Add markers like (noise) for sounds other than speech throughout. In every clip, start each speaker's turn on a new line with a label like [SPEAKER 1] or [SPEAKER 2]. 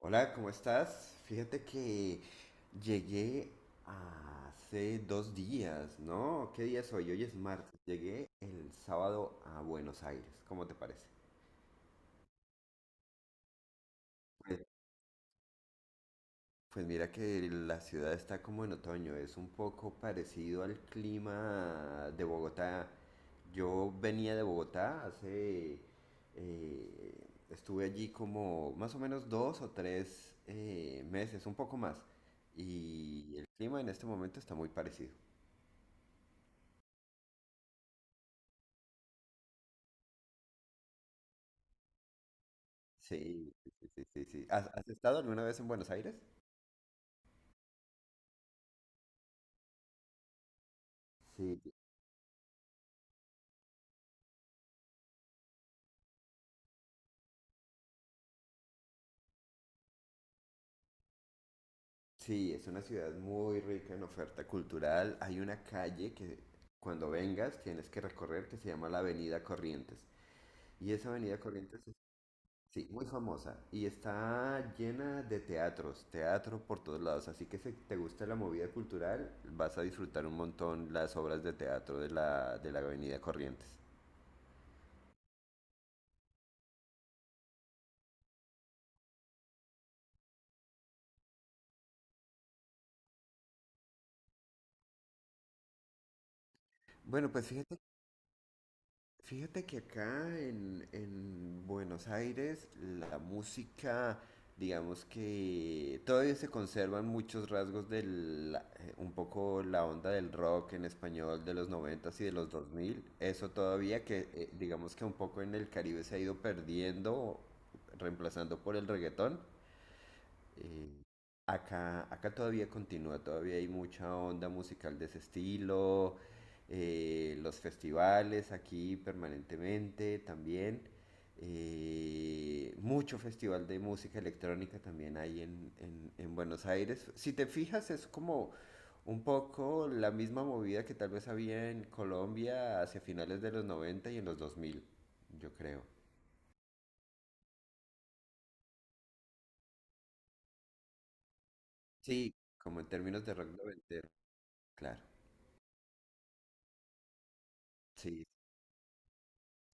[SPEAKER 1] Hola, ¿cómo estás? Fíjate que llegué hace dos días, ¿no? ¿Qué día es hoy? Hoy es martes. Llegué el sábado a Buenos Aires. ¿Cómo te parece? Pues mira que la ciudad está como en otoño, es un poco parecido al clima de Bogotá. Yo venía de Bogotá hace, eh, estuve allí como más o menos dos o tres meses, un poco más. Y el clima en este momento está muy parecido. Sí, sí, sí, sí, sí. ¿Has estado alguna vez en Buenos Aires? Sí, sí, es una ciudad muy rica en oferta cultural. Hay una calle que cuando vengas tienes que recorrer que se llama la Avenida Corrientes. Y esa Avenida Corrientes es, sí, muy famosa y está llena de teatros, teatro por todos lados. Así que si te gusta la movida cultural, vas a disfrutar un montón las obras de teatro de la Avenida Corrientes. Bueno, pues fíjate que acá en Buenos Aires la música, digamos que todavía se conservan muchos rasgos del, un poco la onda del rock en español de los noventas y de los 2000. Eso todavía que digamos que un poco en el Caribe se ha ido perdiendo, reemplazando por el reggaetón. Eh, acá todavía continúa, todavía hay mucha onda musical de ese estilo, los festivales aquí permanentemente también, mucho festival de música electrónica también hay en Buenos Aires. Si te fijas, es como un poco la misma movida que tal vez había en Colombia hacia finales de los 90 y en los 2000 yo creo. Sí, como en términos de rock noventero, claro. Sí,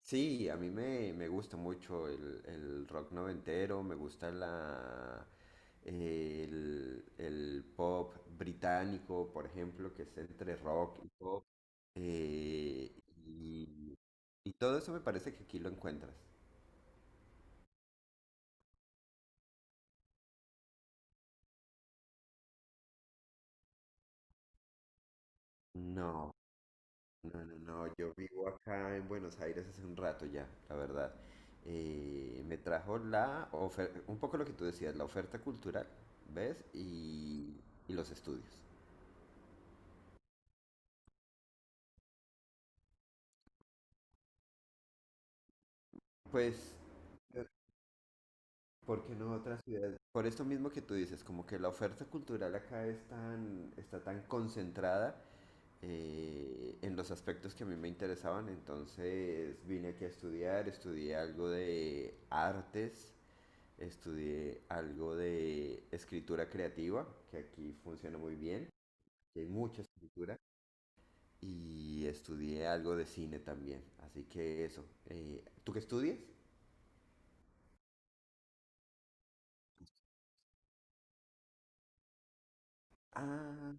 [SPEAKER 1] sí, a mí me gusta mucho el rock noventero, me gusta el pop británico, por ejemplo, que es entre rock y pop. eh, y, y todo eso me parece que aquí lo encuentras. No, no, no, no, yo vivo acá en Buenos Aires hace un rato ya, la verdad. Me trajo la oferta, un poco lo que tú decías, la oferta cultural, ¿ves? Y los estudios. Pues, eh, ¿por qué no otras ciudades? Por esto mismo que tú dices, como que la oferta cultural acá es tan, está tan concentrada en los aspectos que a mí me interesaban, entonces vine aquí a estudiar, estudié algo de artes, estudié algo de escritura creativa, que aquí funciona muy bien, que hay mucha escritura, y estudié algo de cine también, así que eso. ¿Tú qué estudias? Ah,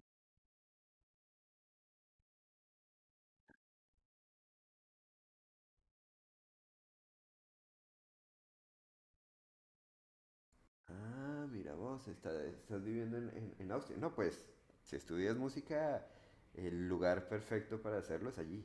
[SPEAKER 1] ah, mira vos, estás viviendo en, en Austria. No, pues, si estudias música, el lugar perfecto para hacerlo es allí.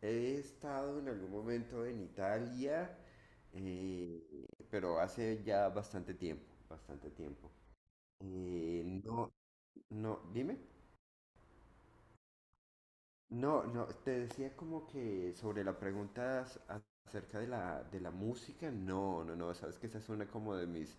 [SPEAKER 1] He estado en algún momento en Italia, pero hace ya bastante tiempo, bastante tiempo. No, no, dime. No, no, te decía como que sobre la pregunta acerca de la música, no, no, no, sabes que esa es una como de mis.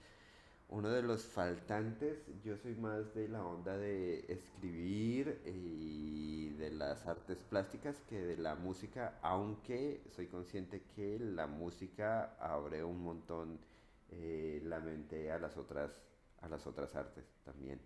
[SPEAKER 1] Uno de los faltantes, yo soy más de la onda de escribir y de las artes plásticas que de la música, aunque soy consciente que la música abre un montón la mente a las otras artes también.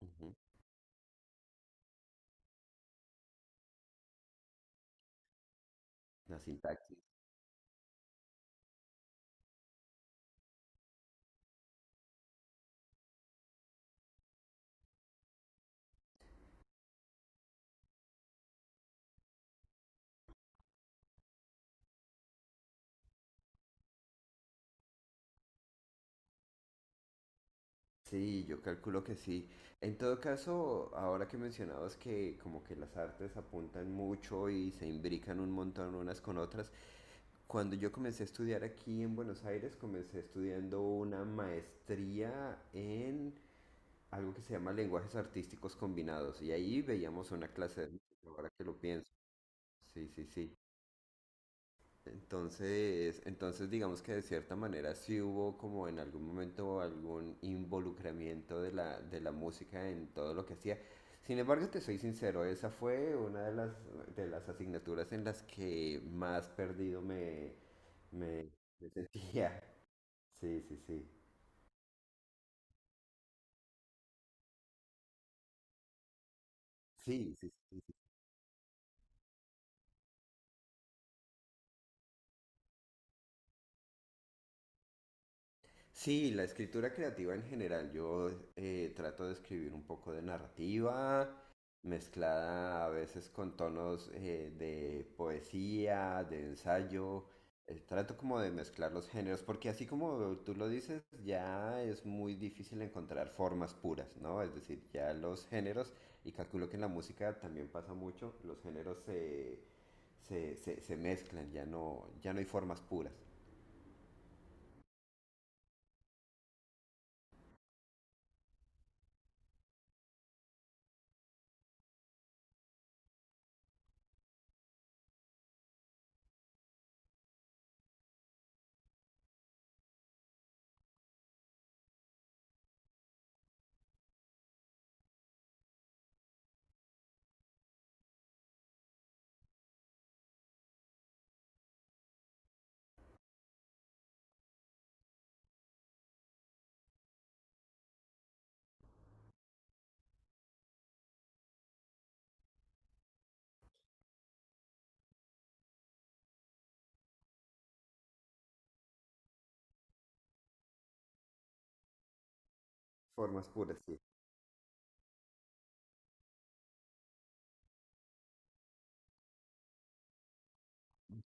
[SPEAKER 1] Ujú. La sintaxis. Sí, yo calculo que sí. En todo caso, ahora que mencionabas que como que las artes apuntan mucho y se imbrican un montón unas con otras, cuando yo comencé a estudiar aquí en Buenos Aires, comencé estudiando una maestría en algo que se llama lenguajes artísticos combinados. Y ahí veíamos una clase de música, ahora que lo pienso. Sí, sí, sí. Entonces, digamos que de cierta manera sí hubo como en algún momento algún involucramiento de la música en todo lo que hacía. Sin embargo, te soy sincero, esa fue una de las asignaturas en las que más perdido me, me (laughs) sentía. Sí, sí, sí. Sí, sí, sí. Sí, la escritura creativa en general. Yo trato de escribir un poco de narrativa, mezclada a veces con tonos de poesía, de ensayo. Trato como de mezclar los géneros, porque así como tú lo dices, ya es muy difícil encontrar formas puras, ¿no? Es decir, ya los géneros, y calculo que en la música también pasa mucho, los géneros se mezclan, ya no, ya no hay formas puras. Formas puras, sí.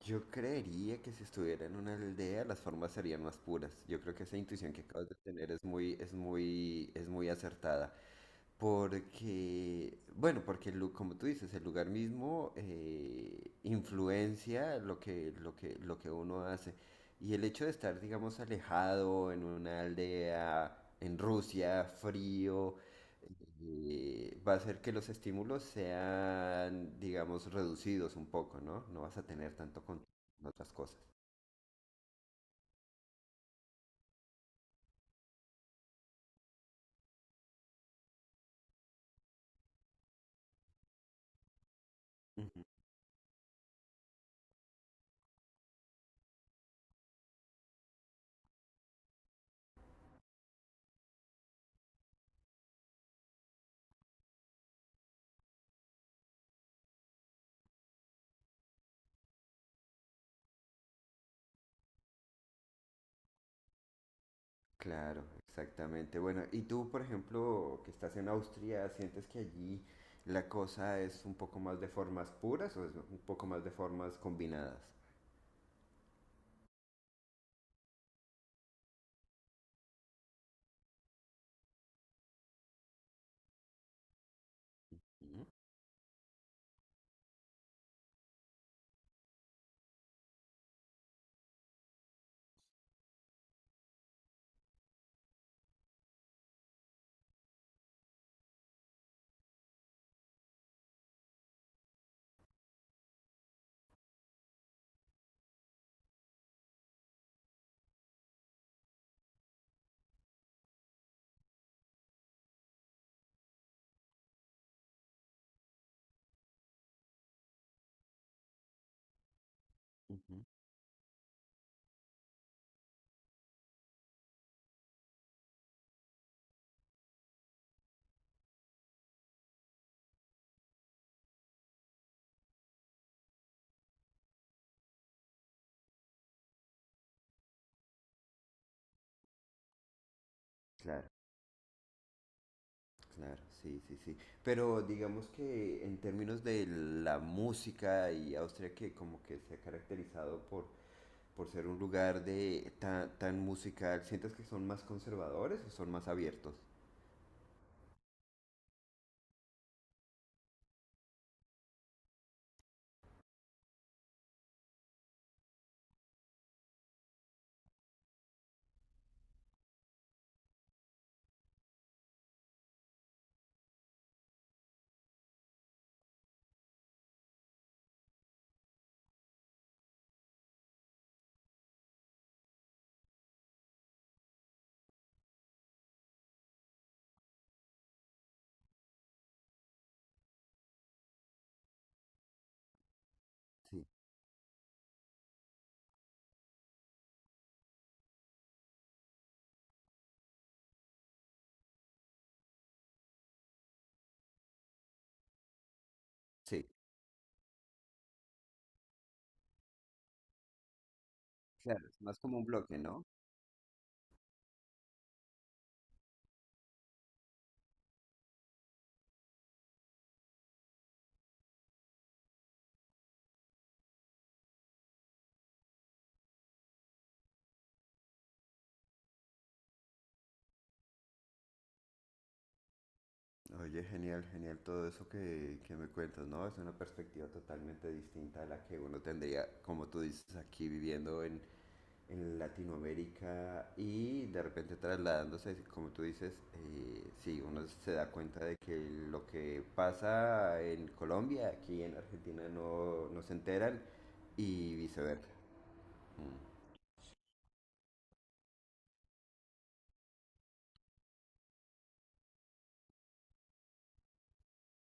[SPEAKER 1] Yo creería que si estuviera en una aldea las formas serían más puras. Yo creo que esa intuición que acabas de tener es muy, es muy, es muy acertada. Porque, bueno, porque como tú dices, el lugar mismo influencia lo que, lo que, lo que uno hace. Y el hecho de estar, digamos, alejado en una aldea, en Rusia, frío, y va a hacer que los estímulos sean, digamos, reducidos un poco, ¿no? No vas a tener tanto contacto con otras cosas. Ujú. Claro, exactamente. Bueno, y tú, por ejemplo, que estás en Austria, ¿sientes que allí la cosa es un poco más de formas puras o es un poco más de formas combinadas? Ujú, ujú. Claro, claro, sí, sí, sí. Pero digamos que en términos de la música y Austria que como que se ha caracterizado por ser un lugar de tan, tan musical, ¿sientes que son más conservadores o son más abiertos? Sí. Sí, claro, es más como un bloque, ¿no? Oye, genial, genial todo eso que me cuentas, ¿no? Es una perspectiva totalmente distinta a la que uno tendría, como tú dices, aquí viviendo en Latinoamérica y de repente trasladándose, como tú dices, sí, uno se da cuenta de que lo que pasa en Colombia, aquí en Argentina no, no se enteran y viceversa.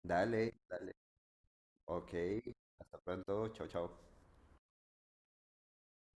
[SPEAKER 1] Dale, dale. Ok. Hasta pronto. Chao, chao.